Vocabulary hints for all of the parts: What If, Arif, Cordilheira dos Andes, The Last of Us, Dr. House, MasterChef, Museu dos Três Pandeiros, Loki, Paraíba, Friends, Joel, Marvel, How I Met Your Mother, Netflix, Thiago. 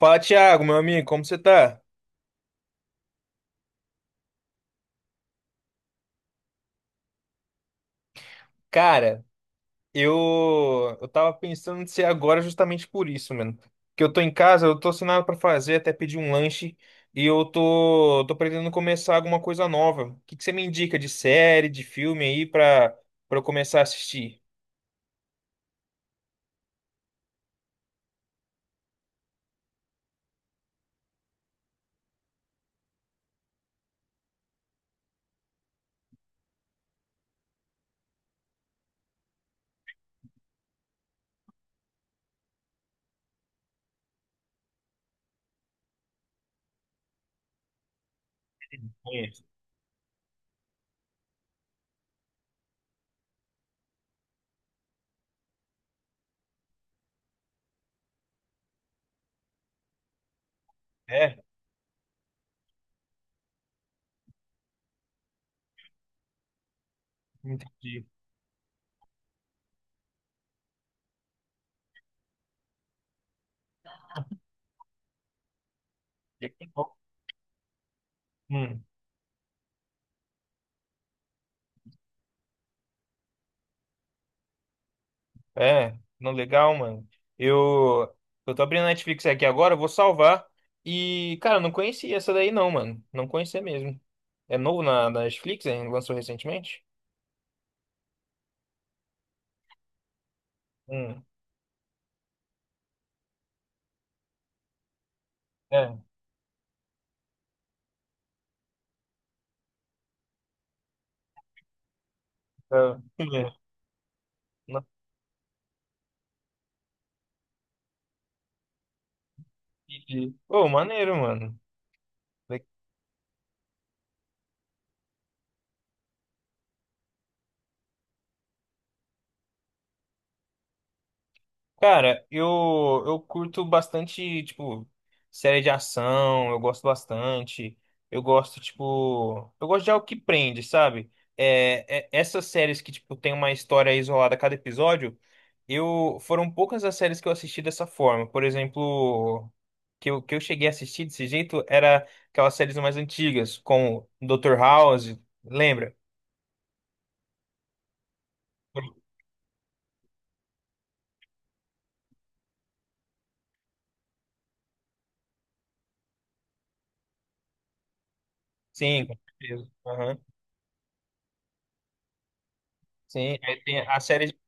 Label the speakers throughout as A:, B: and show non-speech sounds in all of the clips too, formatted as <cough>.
A: Fala, Thiago, meu amigo, como você tá? Cara, eu tava pensando em ser agora justamente por isso, mano. Que eu tô em casa, eu tô sem nada pra fazer, até pedi um lanche e eu tô pretendendo começar alguma coisa nova. O que você me indica de série, de filme aí pra para eu começar a assistir? Conheço. É, entendi. Hum. É, não, legal, mano. Eu, eu tô abrindo a Netflix aqui agora, eu vou salvar. E, cara, eu não conhecia essa daí não, mano. Não conhecia mesmo. É novo na Netflix, hein? Lançou recentemente? Hum, é. Tá. <laughs> Não, entendi. Ô, maneiro, mano. Cara, eu curto bastante, tipo, série de ação, eu gosto bastante. Eu gosto, tipo, eu gosto de algo que prende, sabe? É, essas séries que, tipo, tem uma história isolada a cada episódio, eu foram poucas as séries que eu assisti dessa forma. Por exemplo, que eu cheguei a assistir desse jeito era aquelas séries mais antigas, como Dr. House, lembra? Sim, com certeza. Aham. Sim, aí tem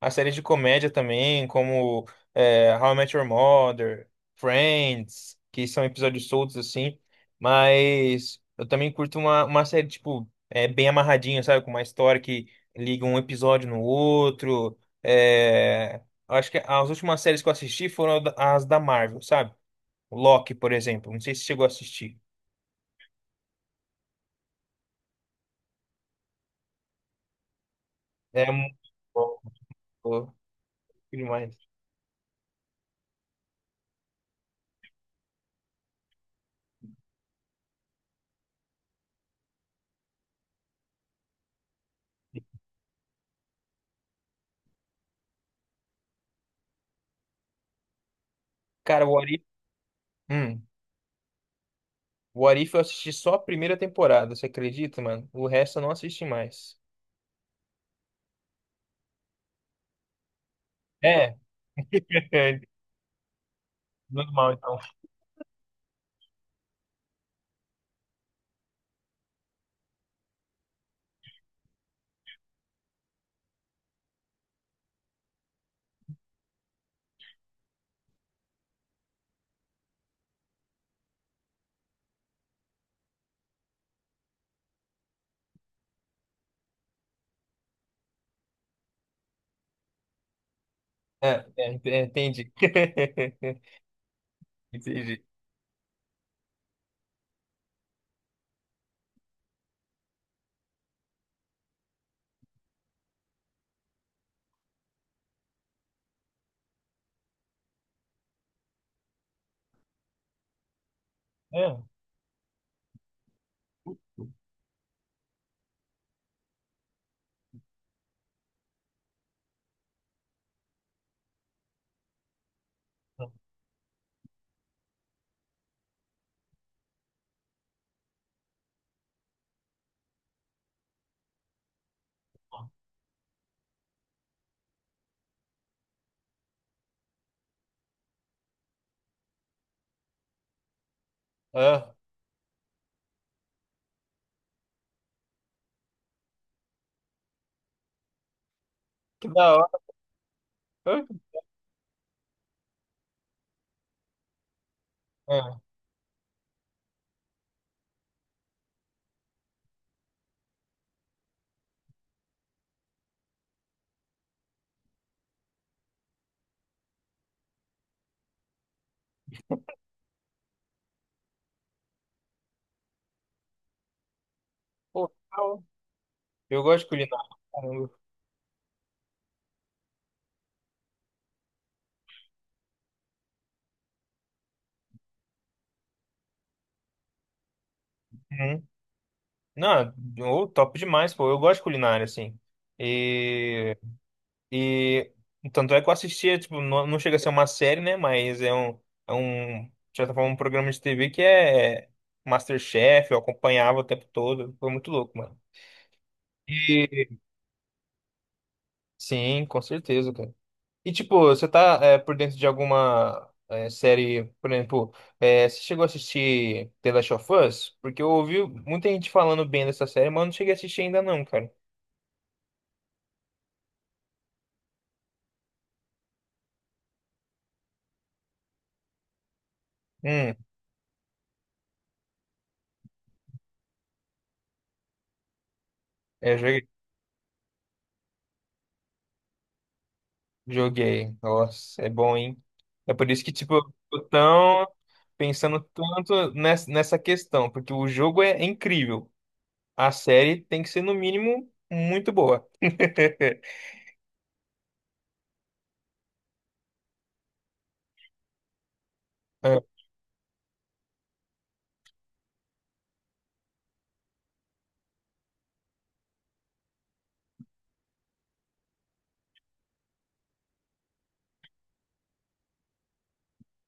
A: a série de comédia também, como How I Met Your Mother, Friends, que são episódios soltos assim, mas eu também curto uma série, tipo, bem amarradinha, sabe? Com uma história que liga um episódio no outro. É, eu acho que as últimas séries que eu assisti foram as da Marvel, sabe? Loki, por exemplo. Não sei se chegou a assistir. É muito bom, pô, demais. Cara, o What If- Hum. O Arif eu assisti só a primeira temporada, você acredita, mano? O resto eu não assisti mais. É, <laughs> normal, então. é, entendi. <laughs> Entendi. É. Ah, que da hora. Ah, pô, legal. Eu gosto de culinária, caramba. Uhum. Não, ô, top demais, pô. Eu gosto de culinária, assim. E tanto é que eu assistia, tipo, não chega a ser uma série, né? Mas é é um, de certa forma, um programa de TV que é MasterChef, eu acompanhava o tempo todo. Foi muito louco, mano. E sim, com certeza, cara. E tipo, você tá por dentro de alguma série, por exemplo, é, você chegou a assistir The Last of Us? Porque eu ouvi muita gente falando bem dessa série, mas eu não cheguei a assistir ainda não, cara. Hum, é, joguei. Nossa, é bom, hein? É por isso que, tipo, eu tô tão pensando tanto nessa questão, porque o jogo é incrível. A série tem que ser, no mínimo, muito boa. <laughs> Ah,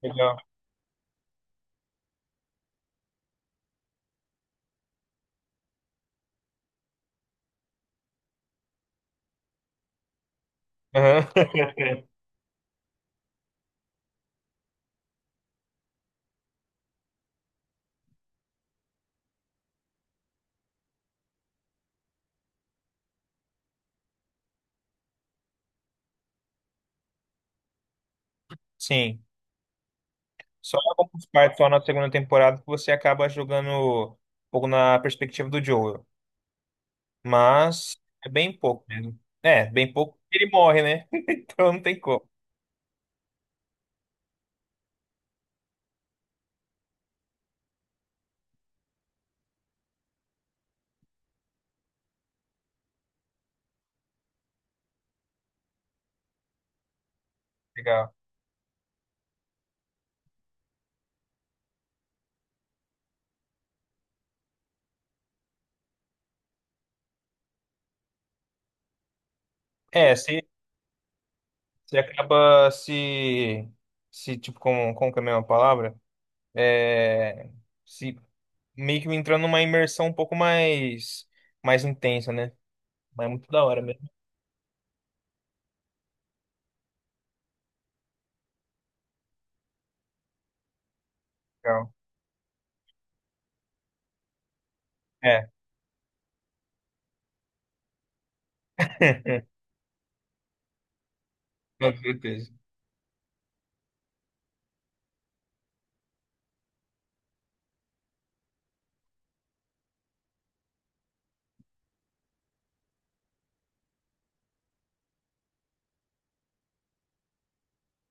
A: legal. Aham. Sim. Só algumas partes só na segunda temporada que você acaba jogando um pouco na perspectiva do Joel. Mas é bem pouco mesmo. É, bem pouco porque ele morre, né? <laughs> Então não tem como. Legal. É, se você acaba se tipo, como que é a mesma palavra? É, se meio que entrando numa imersão um pouco mais intensa, né? Mas é muito da hora mesmo. Legal. É, <laughs> com certeza.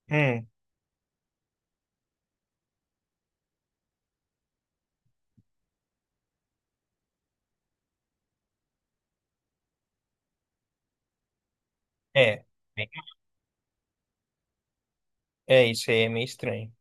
A: Hum, é, é isso aí, é meio estranho.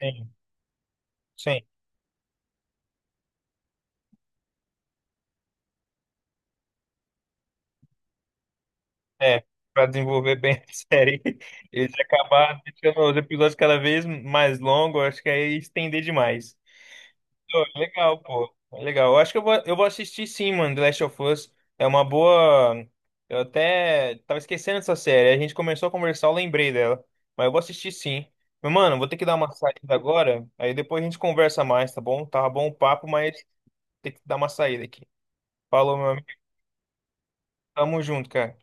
A: Sim, sim, é. Pra desenvolver bem a série, <laughs> eles acabaram deixando os episódios cada vez mais longos, acho que aí estender demais. Pô, legal, pô. Legal. Eu acho que eu vou assistir sim, mano, The Last of Us. É uma boa. Eu até tava esquecendo dessa série. A gente começou a conversar, eu lembrei dela. Mas eu vou assistir sim. Mas, mano, vou ter que dar uma saída agora. Aí depois a gente conversa mais, tá bom? Tava bom o papo, mas tem que dar uma saída aqui. Falou, meu amigo. Tamo junto, cara.